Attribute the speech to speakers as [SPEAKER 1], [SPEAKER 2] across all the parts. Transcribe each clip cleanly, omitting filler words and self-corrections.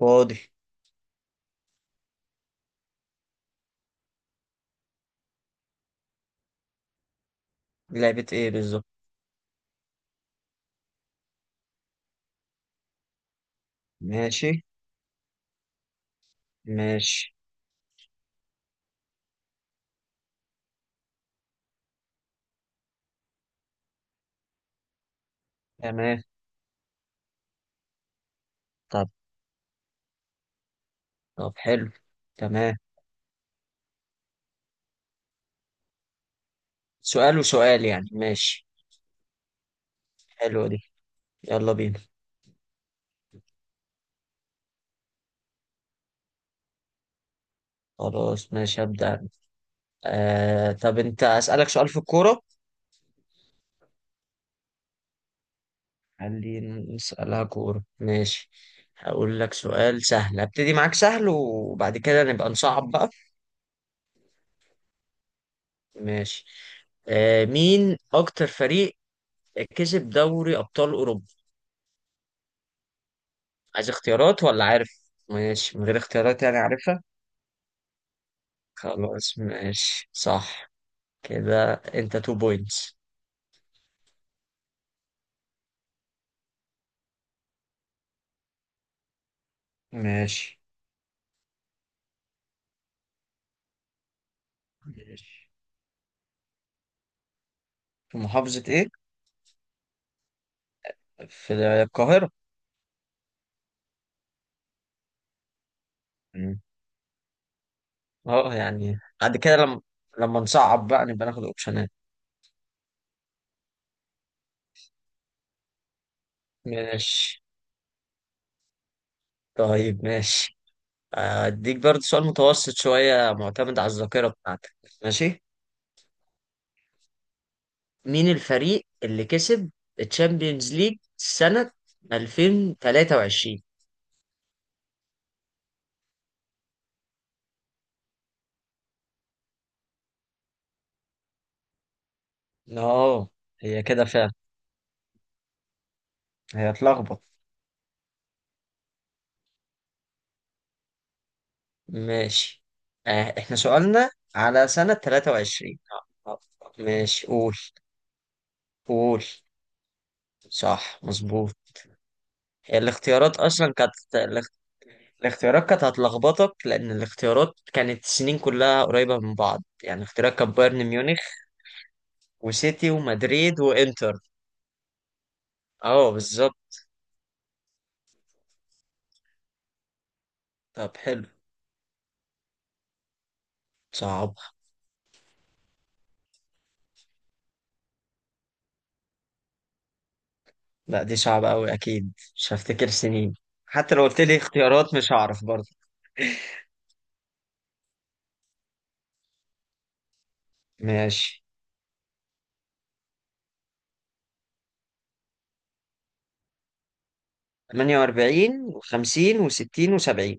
[SPEAKER 1] فاضي. لعبة ايه بالظبط؟ ماشي. ماشي. تمام. طب. طب حلو. تمام. سؤال وسؤال يعني، ماشي. حلوة دي. يلا بينا. خلاص ماشي، هبدأ أنا. آه طب انت، اسألك سؤال في الكورة. خلينا نسألها كورة ماشي. هقول لك سؤال سهل، هبتدي معاك سهل وبعد كده نبقى نصعب بقى. ماشي. آه، مين اكتر فريق كسب دوري ابطال اوروبا؟ عايز اختيارات ولا عارف؟ ماشي من غير اختيارات يعني عارفها. خلاص ماشي صح. كده انت تو بوينتس. ماشي. ماشي. في محافظة ايه؟ في القاهرة. مم. اه يعني بعد كده لما، لما نصعب بقى نبقى ناخد اوبشنات. ماشي. طيب ماشي. اديك برضه سؤال متوسط شوية معتمد على الذاكرة بتاعتك. ماشي. مين الفريق اللي كسب الشامبيونز ليج سنة 2023؟ اه هي كده فعلا، هي اتلخبط. ماشي. آه احنا سؤالنا على سنة 23. آه، ماشي قول. قول. صح مظبوط. الاختيارات اصلا كانت الاختيارات كانت هتلخبطك، لان الاختيارات كانت السنين كلها قريبة من بعض. يعني اختيارات كانت بايرن ميونخ وسيتي ومدريد وانتر. اه بالظبط. طب حلو. صعب. لا دي صعبة قوي، اكيد مش هفتكر سنين. حتى لو قلت لي اختيارات مش هعرف برضه. ماشي. 48 و50 و60 و70.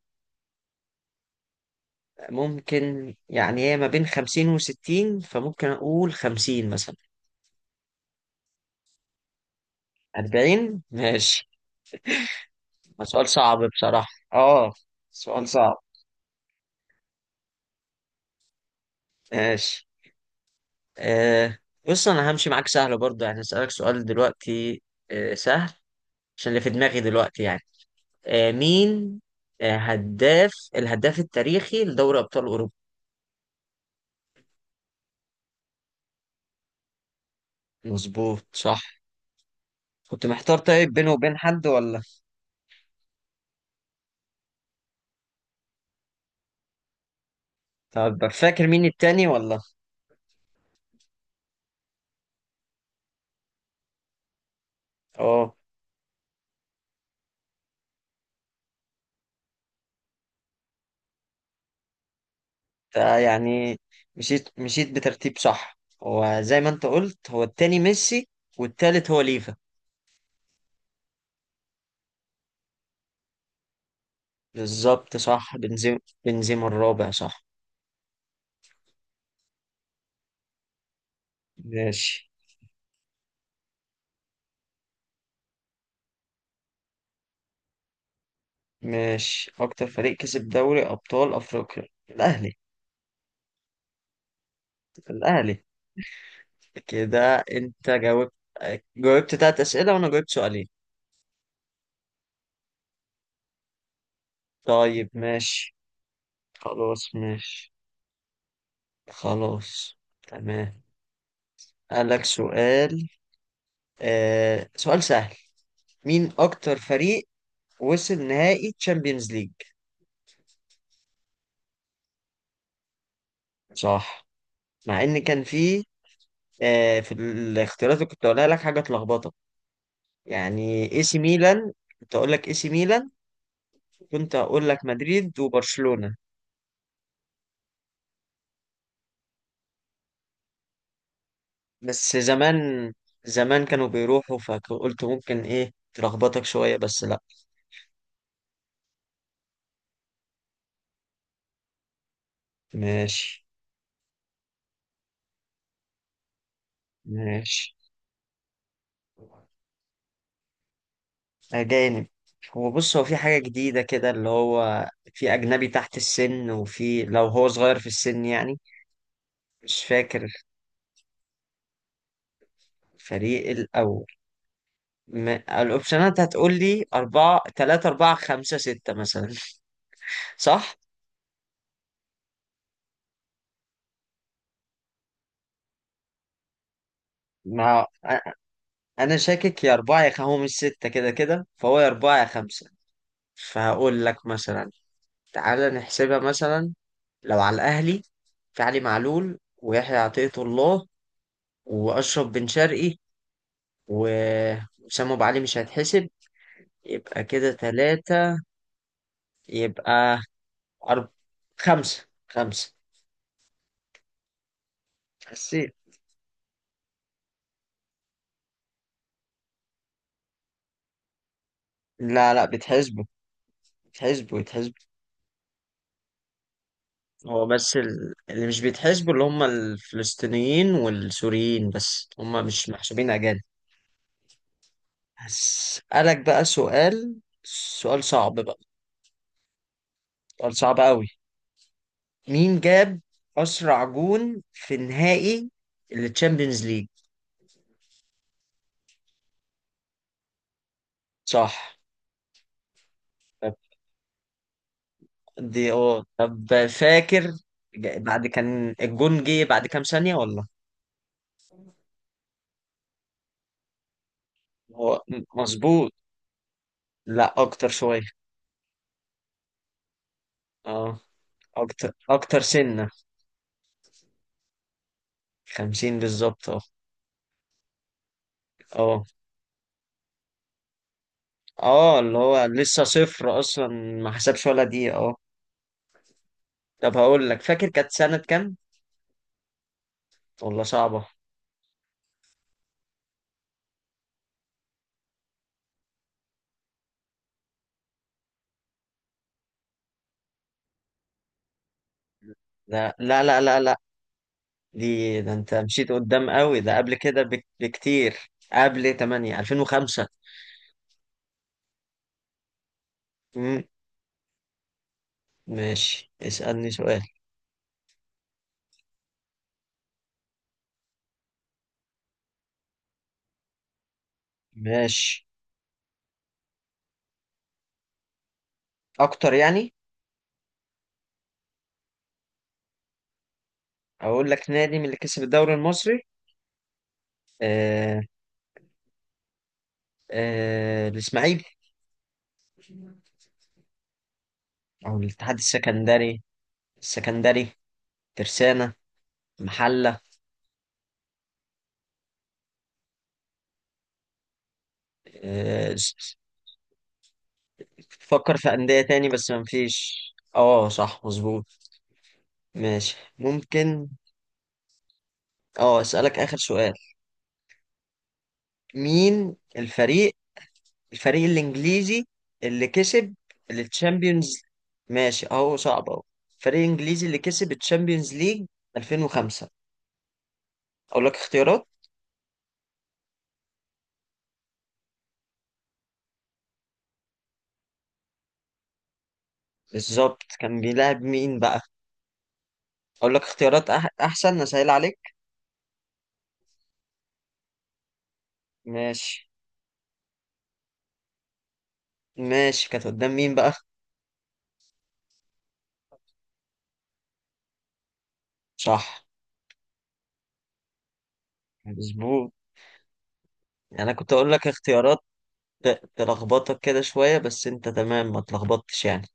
[SPEAKER 1] ممكن يعني هي ما بين 50 و60، فممكن أقول 50 مثلا. 40 ماشي. ما سؤال صعب بصراحة. اه، سؤال صعب. ماشي. آه بص أنا همشي معاك سهل برضه، يعني هسألك سؤال دلوقتي. آه سهل. عشان اللي في دماغي دلوقتي يعني. آه مين، آه هداف الهداف التاريخي لدوري أبطال أوروبا. مظبوط صح. كنت محتار طيب بينه وبين حد ولا. طب فاكر مين التاني ولا. اه يعني مشيت مشيت بترتيب صح، هو زي ما انت قلت هو التاني ميسي والتالت هو ليفا. بالظبط صح بنزيما. بنزيما الرابع صح. ماشي. ماشي اكتر فريق كسب دوري ابطال افريقيا. الاهلي. الاهلي. كده انت جاوبت، جاوبت 3 اسئله وانا جاوبت سؤالين. طيب ماشي. خلاص ماشي. خلاص. تمام. قالك سؤال. آه سؤال سهل. مين اكتر فريق وصل نهائي تشامبيونز ليج؟ صح. مع ان كان فيه، آه، في الاختيارات اللي كنت اقولها لك حاجه تلخبطك. يعني اي سي ميلان. كنت اقول لك اي سي ميلان. كنت اقول لك مدريد وبرشلونه. بس زمان، زمان كانوا بيروحوا، فقلت ممكن ايه تلخبطك شويه بس لا. ماشي. ماشي. اجانب. هو بص هو في حاجه جديده كده اللي هو، في اجنبي تحت السن، وفي لو هو صغير في السن يعني. مش فاكر. الفريق الاول. الاوبشنات هتقول لي أربعة تلاتة أربعة خمسة ستة مثلا. صح؟ ما أ- أنا شاكك يا أربعة هو مش ستة كده كده، فهو يا أربعة يا خمسة. فهقول لك مثلا. تعالى نحسبها مثلا. لو على الأهلي، في علي معلول ويحيى عطية الله وأشرف بن شرقي، وأسامة أبو علي مش هيتحسب. يبقى كده 3. يبقى أرب... خمسة خمسة. حسيت. لا لا بتحسبه بتحسبه بتحسبه. هو بس اللي مش بيتحسبوا اللي هم الفلسطينيين والسوريين، بس هم مش محسوبين أجانب. هسألك بقى سؤال. سؤال صعب بقى. سؤال صعب قوي. مين جاب أسرع جون في نهائي التشامبيونز ليج؟ صح. طب دي اه. طب فاكر بعد كان الجون جه بعد كام ثانية ولا. هو مظبوط. لا أكتر شوية. اه أكتر أكتر سنة. 50 بالظبط اه. اه. اه اللي هو لسه صفر اصلا، ما حسبش ولا دقيقة. اه. طب هقول لك فاكر كانت سنة كام. ولا صعبة. لا لا لا لا لا. دي ده انت مشيت قدام قوي، ده قبل كده بكتير. قبل 8، 2005. امم. ماشي اسألني سؤال. ماشي اكتر يعني. اقول لك نادي من اللي كسب الدوري المصري. آه. آه الاسماعيلي. او الاتحاد السكندري. السكندري. ترسانة. محلة. آه. فكر في أندية تاني بس مفيش. اه صح مظبوط. ماشي ممكن. اه أسألك آخر سؤال. مين الفريق، الفريق الإنجليزي اللي كسب التشامبيونز. ماشي اهو صعب اهو. الفريق الإنجليزي اللي كسب التشامبيونز ليج 2005. أقول لك اختيارات. بالظبط كان بيلعب مين بقى؟ أقول لك اختيارات أحسن أسهل عليك. ماشي. ماشي كانت قدام مين بقى؟ صح مظبوط. يعني أنا كنت أقول لك اختيارات تلخبطك كده شوية، بس انت تمام ما تلخبطتش يعني.